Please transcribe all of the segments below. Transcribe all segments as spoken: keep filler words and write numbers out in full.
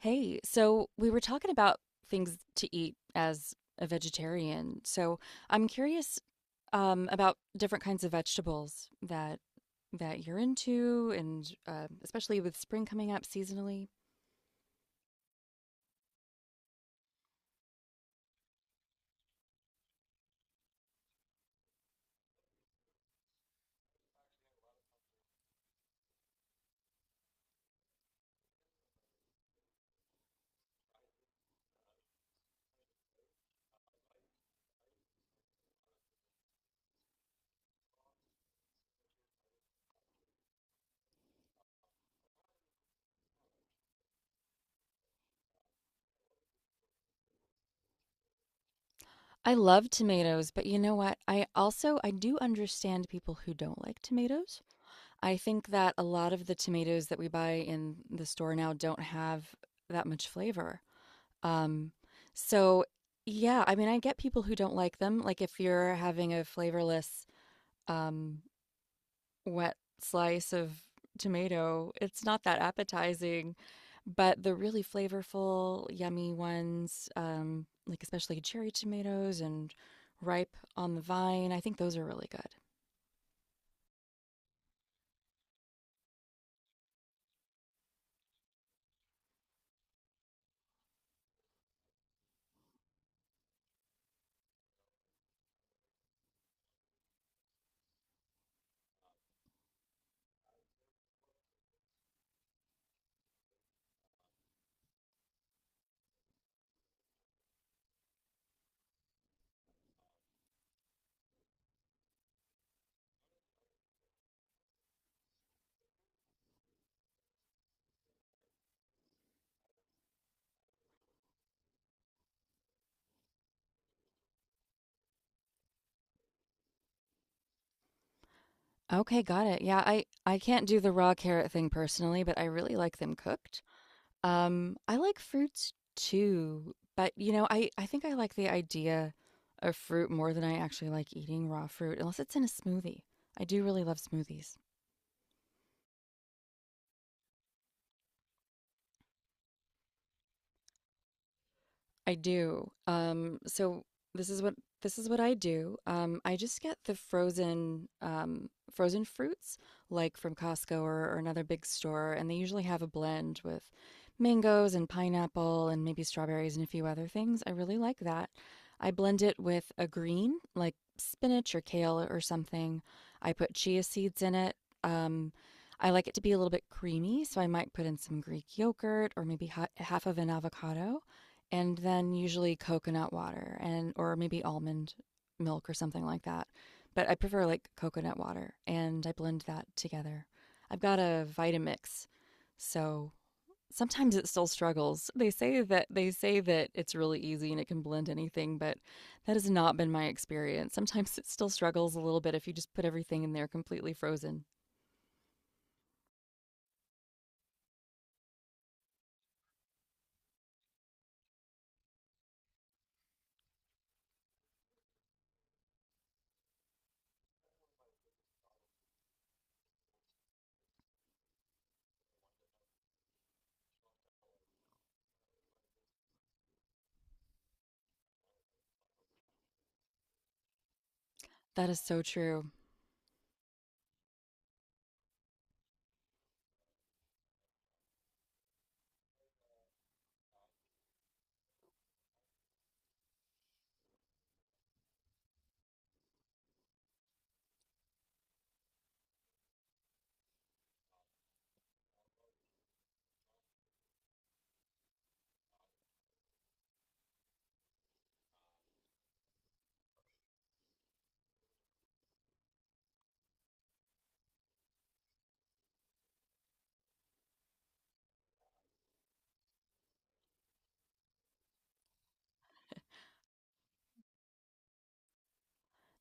Hey, so we were talking about things to eat as a vegetarian. So I'm curious um, about different kinds of vegetables that that you're into, and uh, especially with spring coming up seasonally. I love tomatoes, but you know what? I also I do understand people who don't like tomatoes. I think that a lot of the tomatoes that we buy in the store now don't have that much flavor. Um, so yeah, I mean, I get people who don't like them. Like if you're having a flavorless, um, wet slice of tomato, it's not that appetizing. But the really flavorful, yummy ones, um, like especially cherry tomatoes and ripe on the vine, I think those are really good. Okay, got it. Yeah, I I can't do the raw carrot thing personally, but I really like them cooked. Um, I like fruits too, but you know, I I think I like the idea of fruit more than I actually like eating raw fruit, unless it's in a smoothie. I do really love smoothies. I do. Um, so this is what this is what I do. Um, I just get the frozen um, frozen fruits, like from Costco or, or another big store, and they usually have a blend with mangoes and pineapple and maybe strawberries and a few other things. I really like that. I blend it with a green, like spinach or kale or something. I put chia seeds in it. Um, I like it to be a little bit creamy, so I might put in some Greek yogurt or maybe ha half of an avocado and then usually coconut water and or maybe almond milk or something like that. But I prefer like coconut water and I blend that together. I've got a Vitamix, so sometimes it still struggles. They say that they say that it's really easy and it can blend anything, but that has not been my experience. Sometimes it still struggles a little bit if you just put everything in there completely frozen. That is so true.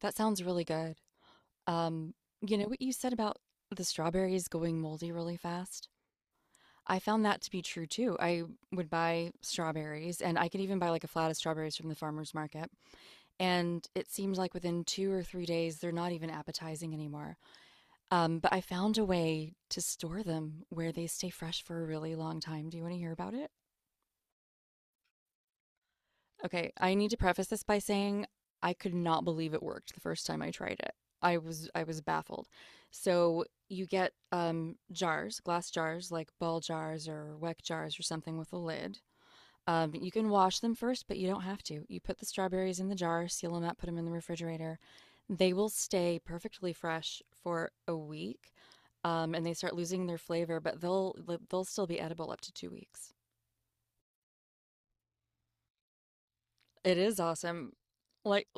That sounds really good. Um, you know what you said about the strawberries going moldy really fast? I found that to be true too. I would buy strawberries, and I could even buy like a flat of strawberries from the farmer's market. And it seems like within two or three days, they're not even appetizing anymore. Um, but I found a way to store them where they stay fresh for a really long time. Do you want to hear about it? Okay, I need to preface this by saying I could not believe it worked the first time I tried it. I was I was baffled. So you get um, jars, glass jars, like ball jars or weck jars or something with a lid. Um, you can wash them first, but you don't have to. You put the strawberries in the jar, seal them up, put them in the refrigerator. They will stay perfectly fresh for a week, um, and they start losing their flavor, but they'll they'll still be edible up to two weeks. It is awesome. Like,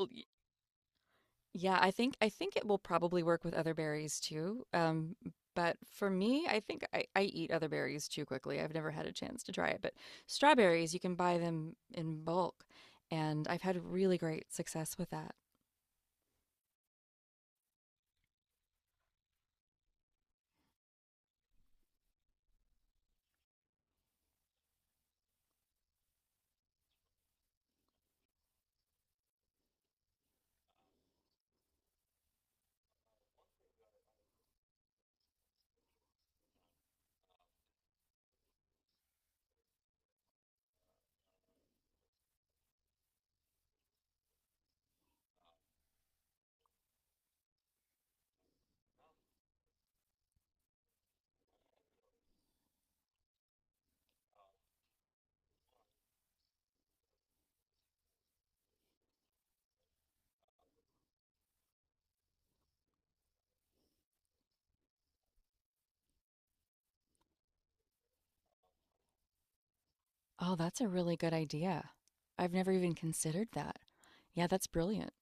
yeah, I think I think it will probably work with other berries too. Um, but for me, I think I, I eat other berries too quickly. I've never had a chance to try it, but strawberries you can buy them in bulk, and I've had really great success with that. Oh, that's a really good idea. I've never even considered that. Yeah, that's brilliant.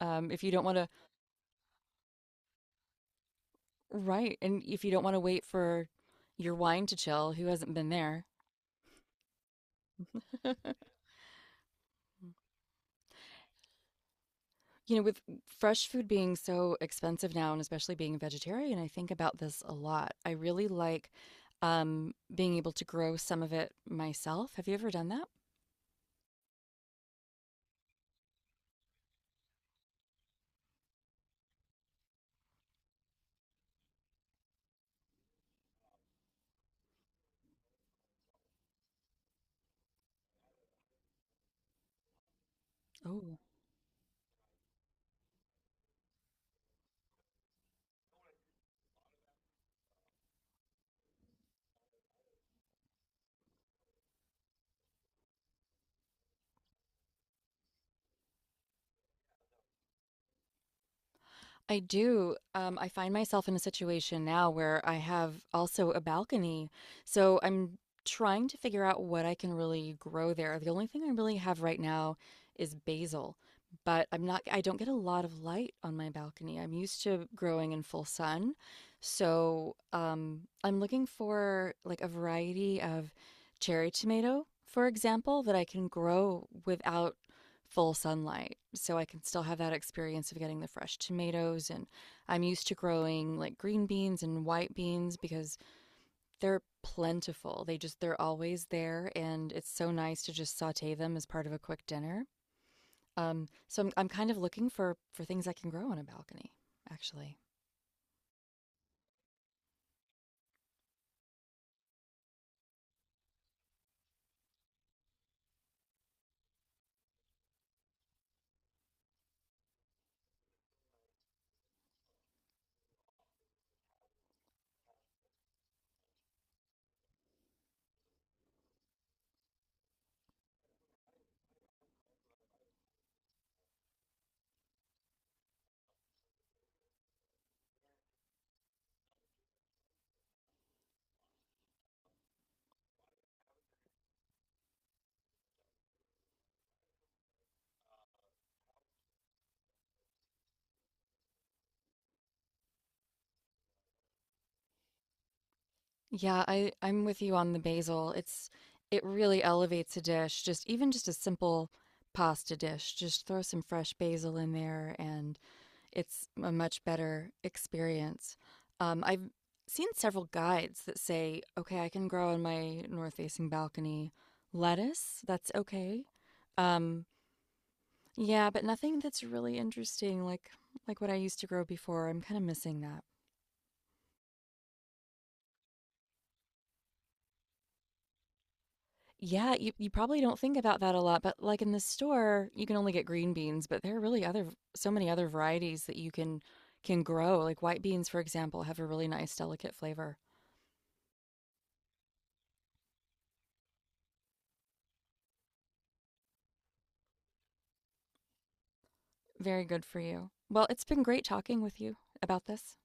Um, if you don't want to, right, and if you don't want to wait for your wine to chill, who hasn't been there? You know, with fresh food being so expensive now, and especially being a vegetarian, I think about this a lot. I really like um, being able to grow some of it myself. Have you ever done that? Oh, I do. Um, I find myself in a situation now where I have also a balcony. So I'm trying to figure out what I can really grow there. The only thing I really have right now is basil, but I'm not, I don't get a lot of light on my balcony. I'm used to growing in full sun. So um, I'm looking for like a variety of cherry tomato, for example, that I can grow without full sunlight. So I can still have that experience of getting the fresh tomatoes. And I'm used to growing like green beans and white beans because they're plentiful. They just, they're always there. And it's so nice to just saute them as part of a quick dinner. Um, so I'm, I'm kind of looking for, for things I can grow on a balcony, actually. Yeah, I, I'm with you on the basil. It's, it really elevates a dish. Just even just a simple pasta dish. Just throw some fresh basil in there and it's a much better experience. Um, I've seen several guides that say, okay, I can grow on my north facing balcony lettuce. That's okay. Um, yeah, but nothing that's really interesting, like like what I used to grow before. I'm kind of missing that. Yeah, you, you probably don't think about that a lot, but like in the store, you can only get green beans, but there are really other so many other varieties that you can can grow. Like white beans, for example, have a really nice, delicate flavor. Very good for you. Well, it's been great talking with you about this.